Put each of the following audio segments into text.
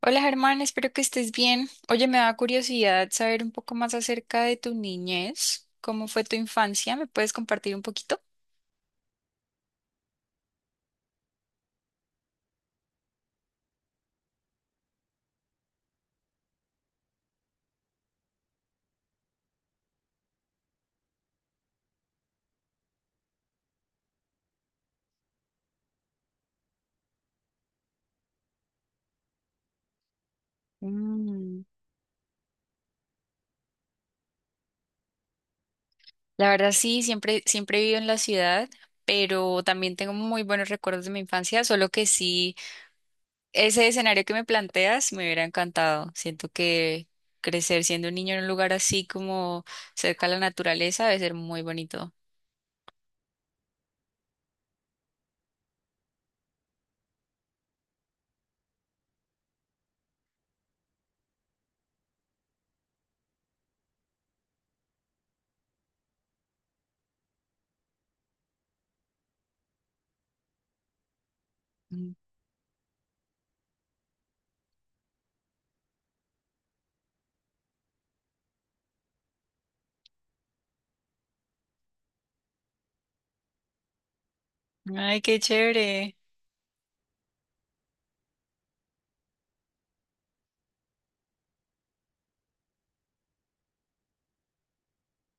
Hola Germán, espero que estés bien. Oye, me da curiosidad saber un poco más acerca de tu niñez. ¿Cómo fue tu infancia? ¿Me puedes compartir un poquito? Mm. La verdad sí, siempre, siempre he vivido en la ciudad, pero también tengo muy buenos recuerdos de mi infancia, solo que sí. Ese escenario que me planteas me hubiera encantado. Siento que crecer siendo un niño en un lugar así como cerca a la naturaleza debe ser muy bonito. Mm. Ay, qué chévere.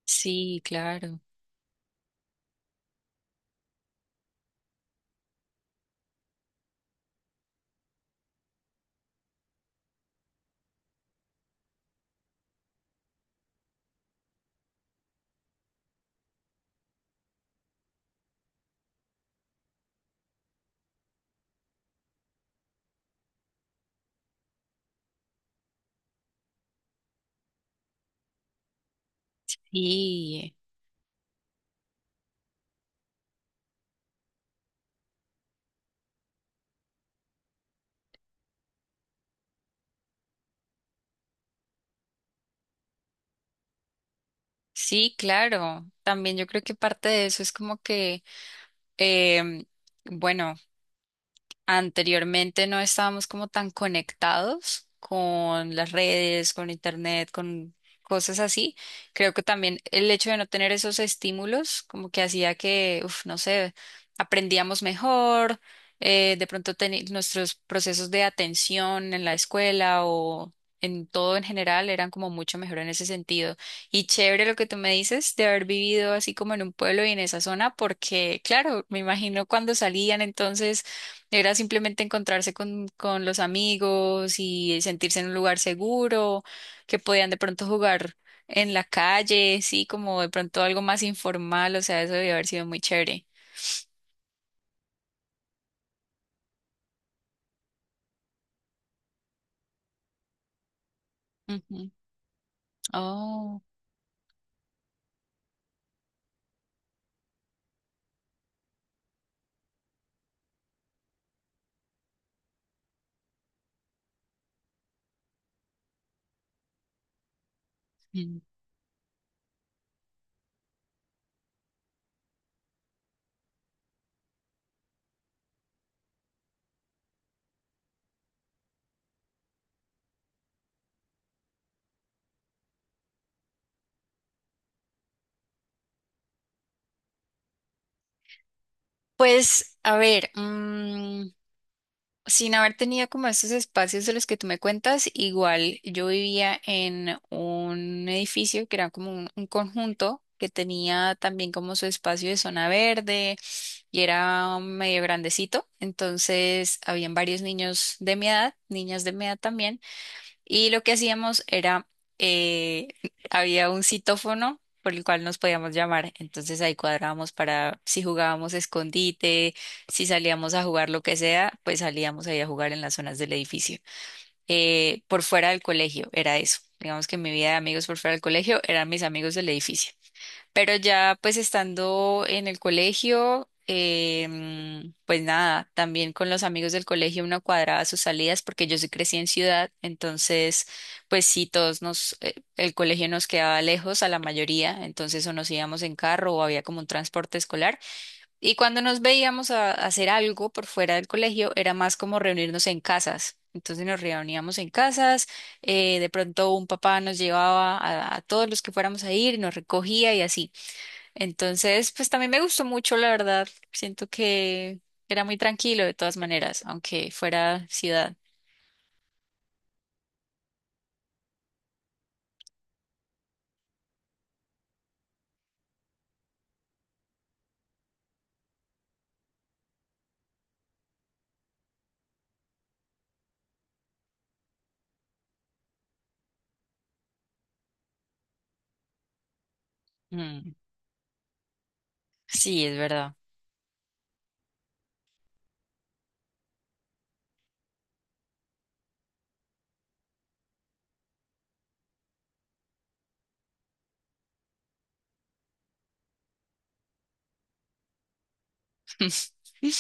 Sí, claro. Sí, sí, claro. También yo creo que parte de eso es como que, em, bueno. Anteriormente no estábamos como tan conectados con las redes, con internet, con cosas así. Creo que también el hecho de no tener esos estímulos como que hacía que, uf, no sé, aprendíamos mejor, de pronto nuestros procesos de atención en la escuela o en todo en general eran como mucho mejor en ese sentido. Y chévere lo que tú me dices de haber vivido así como en un pueblo y en esa zona, porque claro, me imagino cuando salían entonces era simplemente encontrarse con los amigos y sentirse en un lugar seguro, que podían de pronto jugar en la calle, sí, como de pronto algo más informal, o sea, eso debió haber sido muy chévere. Ujú. Oh. Mm. Pues, a ver, sin haber tenido como esos espacios de los que tú me cuentas, igual yo vivía en un edificio que era como un conjunto que tenía también como su espacio de zona verde y era medio grandecito, entonces habían varios niños de mi edad, niñas de mi edad también. Y lo que hacíamos era, eh, había un citófono por el cual nos podíamos llamar. Entonces ahí cuadrábamos para si jugábamos escondite, si salíamos a jugar lo que sea, pues salíamos ahí a jugar en las zonas del edificio. Por fuera del colegio era eso. Digamos que mi vida de amigos por fuera del colegio eran mis amigos del edificio. Pero ya pues estando en el colegio, pues nada, también con los amigos del colegio uno cuadraba sus salidas porque yo sí crecí en ciudad, entonces pues sí, todos nos, el colegio nos quedaba lejos a la mayoría, entonces o nos íbamos en carro o había como un transporte escolar. Y cuando nos veíamos a hacer algo por fuera del colegio era más como reunirnos en casas. Entonces nos reuníamos en casas, de pronto un papá nos llevaba a todos los que fuéramos a ir, nos recogía y así. Entonces, pues también me gustó mucho, la verdad. Siento que era muy tranquilo de todas maneras, aunque fuera ciudad. Mm, sí, es verdad.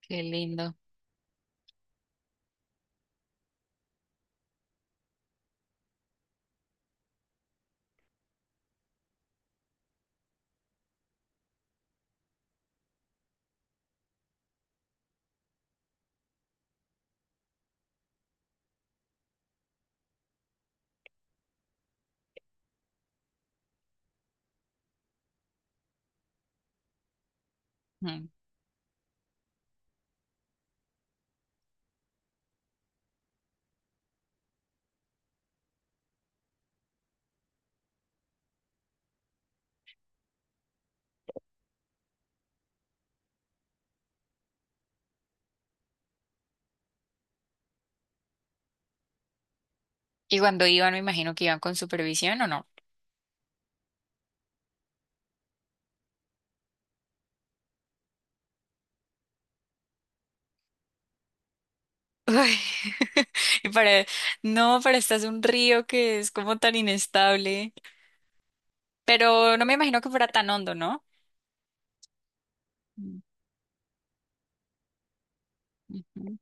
Qué lindo. Mm. Y cuando iban, me imagino que iban con supervisión o no. Ay, y para, no, para estás un río que es como tan inestable. Pero no me imagino que fuera tan hondo, ¿no? Mm, ujú.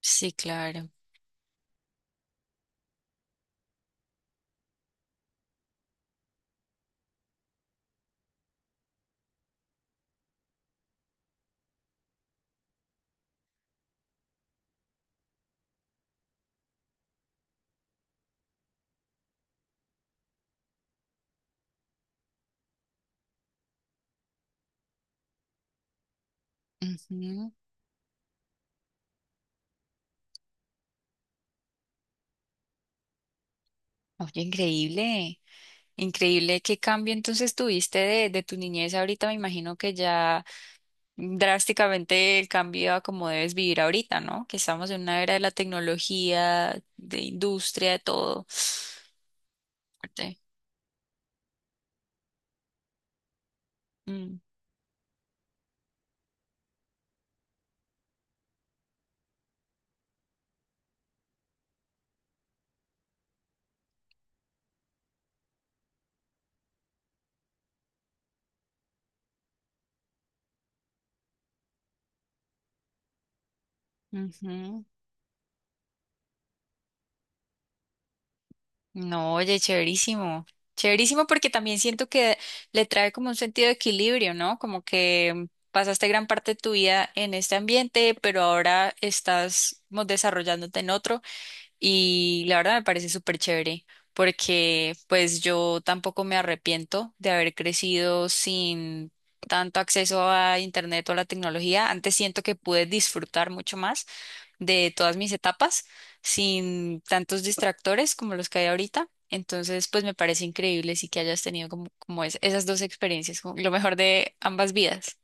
Sí, claro. Ujú. Oye, increíble. Increíble, qué cambio entonces tuviste de tu niñez ahorita. Me imagino que ya drásticamente el cambio a cómo debes vivir ahorita, ¿no? Que estamos en una era de la tecnología, de industria, de todo. Fuerte. Mm, ujú. No, oye, chéverísimo. Chéverísimo porque también siento que le trae como un sentido de equilibrio, ¿no? Como que pasaste gran parte de tu vida en este ambiente, pero ahora estás como, desarrollándote en otro. Y la verdad me parece súper chévere porque pues yo tampoco me arrepiento de haber crecido sin tanto acceso a internet o a la tecnología. Antes siento que pude disfrutar mucho más de todas mis etapas sin tantos distractores como los que hay ahorita. Entonces, pues me parece increíble sí que hayas tenido como, esas dos experiencias, como lo mejor de ambas vidas.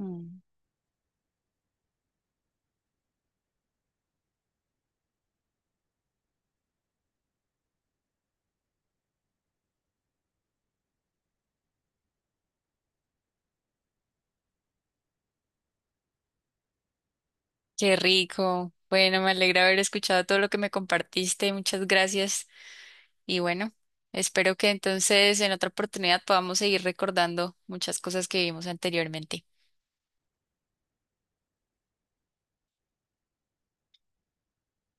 Mm, qué rico. Bueno, me alegra haber escuchado todo lo que me compartiste. Muchas gracias. Y bueno, espero que entonces en otra oportunidad podamos seguir recordando muchas cosas que vimos anteriormente.